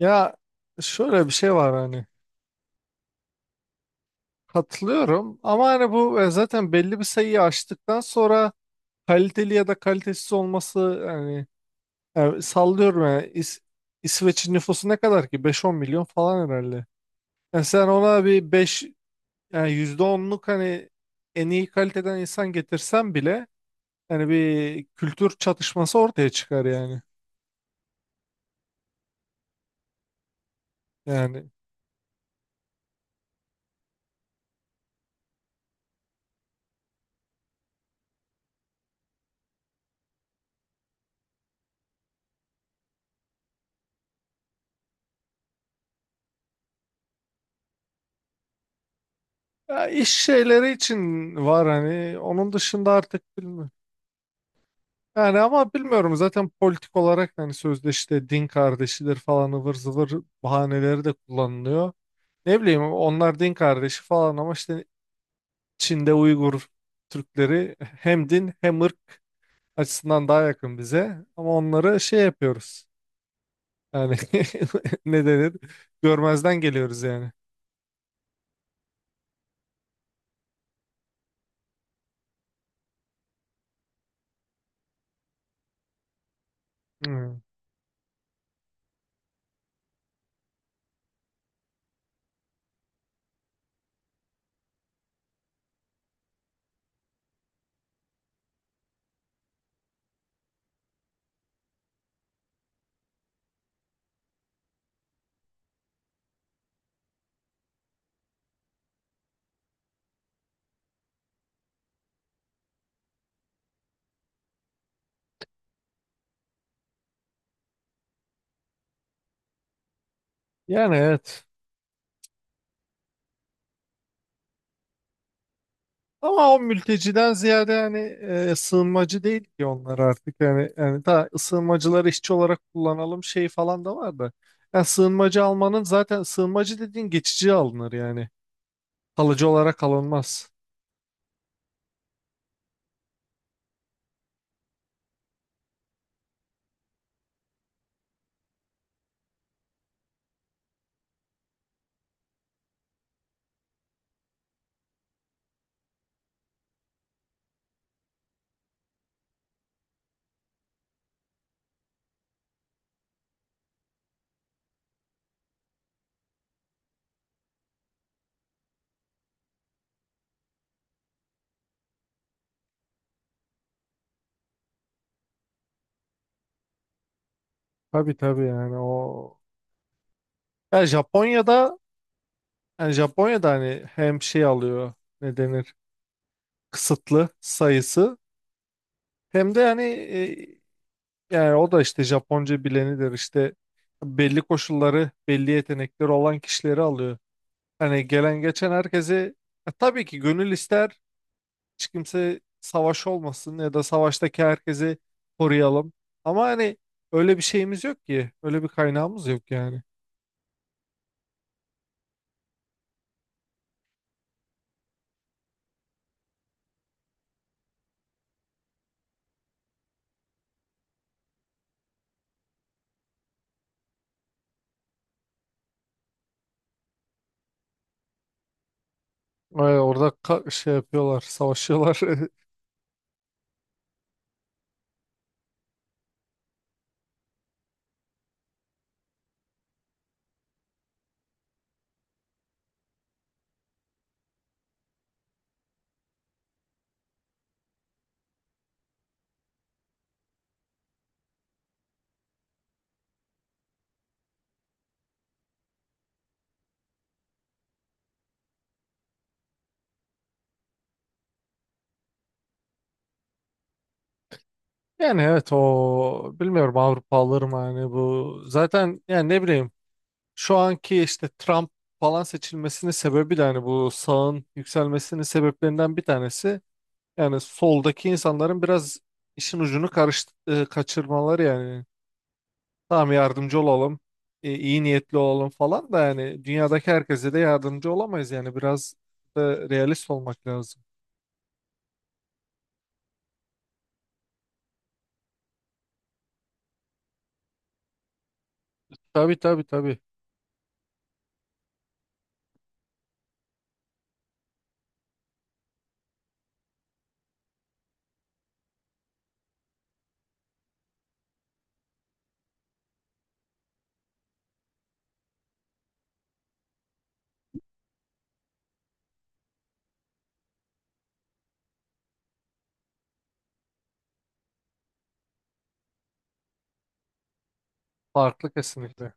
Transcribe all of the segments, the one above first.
Ya, şöyle bir şey var, hani katılıyorum ama hani bu zaten belli bir sayıyı aştıktan sonra kaliteli ya da kalitesiz olması, hani sallıyorum, yani İsveç'in nüfusu ne kadar ki? Beş on milyon falan herhalde. Yani sen ona bir beş, yani %10'luk, hani en iyi kaliteden insan getirsen bile hani bir kültür çatışması ortaya çıkar yani. Yani ya iş şeyleri için var hani, onun dışında artık bilmiyorum. Yani ama bilmiyorum, zaten politik olarak hani sözde işte din kardeşidir falan ıvır zıvır bahaneleri de kullanılıyor. Ne bileyim, onlar din kardeşi falan ama işte Çin'de Uygur Türkleri hem din hem ırk açısından daha yakın bize, ama onları şey yapıyoruz. Yani ne denir? Görmezden geliyoruz yani. Hmm. Yani evet. Ama o mülteciden ziyade yani, sığınmacı değil ki onlar artık, yani daha sığınmacıları işçi olarak kullanalım şey falan da var da. Yani sığınmacı almanın, zaten sığınmacı dediğin geçici alınır yani. Kalıcı olarak alınmaz. Tabii tabii, yani o, yani Japonya'da yani Japonya'da hani hem şey alıyor, ne denir, kısıtlı sayısı, hem de hani yani o da işte Japonca bilenidir, işte belli koşulları belli yetenekleri olan kişileri alıyor. Hani gelen geçen herkesi, tabii ki gönül ister hiç kimse savaş olmasın ya da savaştaki herkesi koruyalım. Ama hani öyle bir şeyimiz yok ki. Öyle bir kaynağımız yok yani. Ay, orada şey yapıyorlar, savaşıyorlar. Yani evet, o bilmiyorum, Avrupa alır mı hani bu? Zaten, yani ne bileyim, şu anki işte Trump falan seçilmesinin sebebi de hani bu, sağın yükselmesinin sebeplerinden bir tanesi. Yani soldaki insanların biraz işin ucunu karıştı, kaçırmaları yani. Tamam yardımcı olalım, iyi niyetli olalım falan da, yani dünyadaki herkese de yardımcı olamayız yani, biraz da realist olmak lazım. Tabii tabii tabii. Farklı kesinlikle.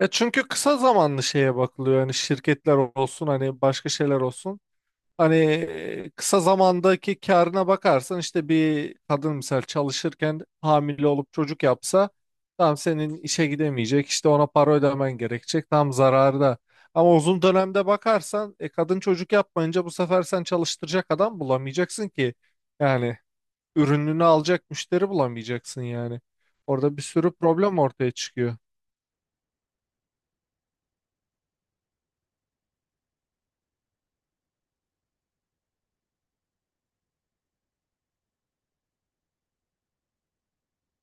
Ya çünkü kısa zamanlı şeye bakılıyor, yani şirketler olsun hani, başka şeyler olsun. Hani kısa zamandaki karına bakarsan, işte bir kadın misal çalışırken hamile olup çocuk yapsa tam senin işe gidemeyecek, işte ona para ödemen gerekecek, tam zararda. Ama uzun dönemde bakarsan kadın çocuk yapmayınca bu sefer sen çalıştıracak adam bulamayacaksın ki. Yani ürününü alacak müşteri bulamayacaksın yani. Orada bir sürü problem ortaya çıkıyor.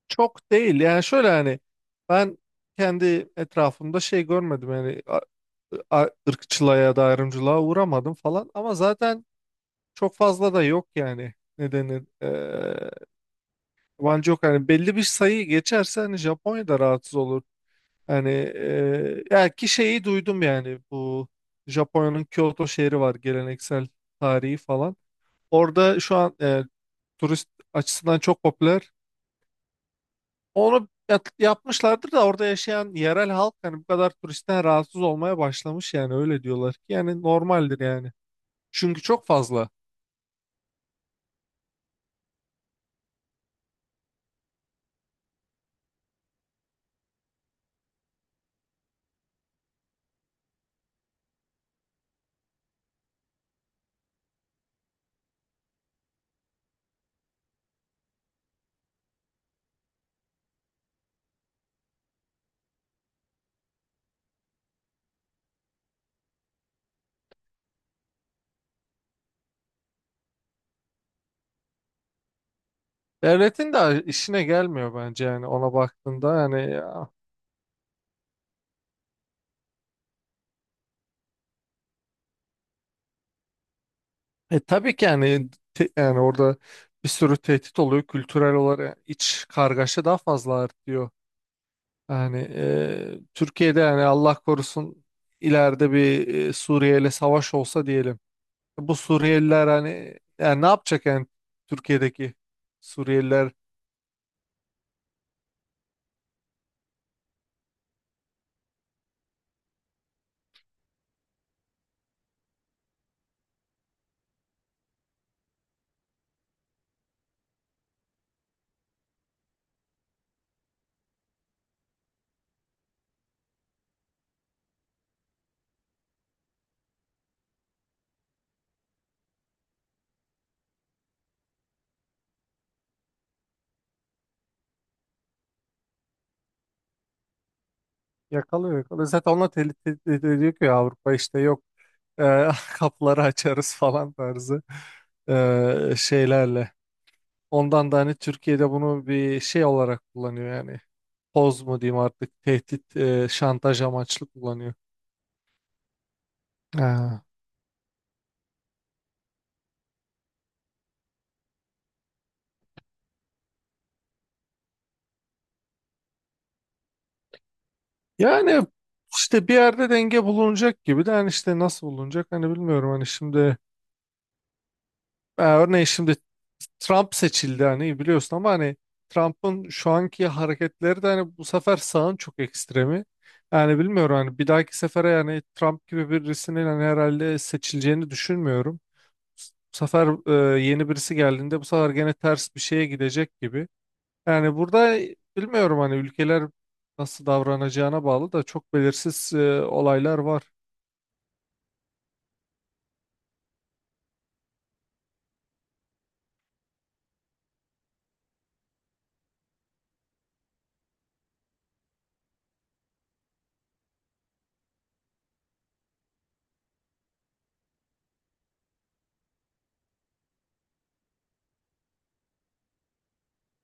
Çok değil yani, şöyle hani, ben kendi etrafımda şey görmedim yani, ırkçılığa ya da ayrımcılığa uğramadım falan, ama zaten çok fazla da yok yani, ne denir, yabancı yok, hani belli bir sayı geçerse hani Japonya'da rahatsız olur, hani ya ki şeyi duydum, yani bu Japonya'nın Kyoto şehri var, geleneksel, tarihi falan, orada şu an, turist açısından çok popüler, onu yapmışlardır da orada yaşayan yerel halk hani bu kadar turistten rahatsız olmaya başlamış, yani öyle diyorlar ki, yani normaldir yani. Çünkü çok fazla. Devletin de işine gelmiyor bence, yani ona baktığında yani ya. E tabii ki yani, yani orada bir sürü tehdit oluyor. Kültürel olarak iç kargaşa daha fazla artıyor. Yani Türkiye'de yani Allah korusun ileride bir Suriye ile savaş olsa diyelim. Bu Suriyeliler hani, yani ne yapacak yani? Türkiye'deki Suriyeliler yakalıyor, yakalıyor. Zaten onlar tehdit, ediyor ki Avrupa işte yok, e, kapları açarız falan tarzı şeylerle. Ondan da hani Türkiye'de bunu bir şey olarak kullanıyor yani. Poz mu diyeyim artık, tehdit, şantaj amaçlı kullanıyor. Ha. Yani işte bir yerde denge bulunacak gibi de hani, işte nasıl bulunacak hani bilmiyorum, hani şimdi örneğin şimdi Trump seçildi hani biliyorsun, ama hani Trump'ın şu anki hareketleri de hani bu sefer sağın çok ekstremi. Yani bilmiyorum hani, bir dahaki sefere yani Trump gibi birisinin hani herhalde seçileceğini düşünmüyorum. Bu sefer yeni birisi geldiğinde bu sefer gene ters bir şeye gidecek gibi. Yani burada bilmiyorum hani, ülkeler nasıl davranacağına bağlı da, çok belirsiz olaylar var.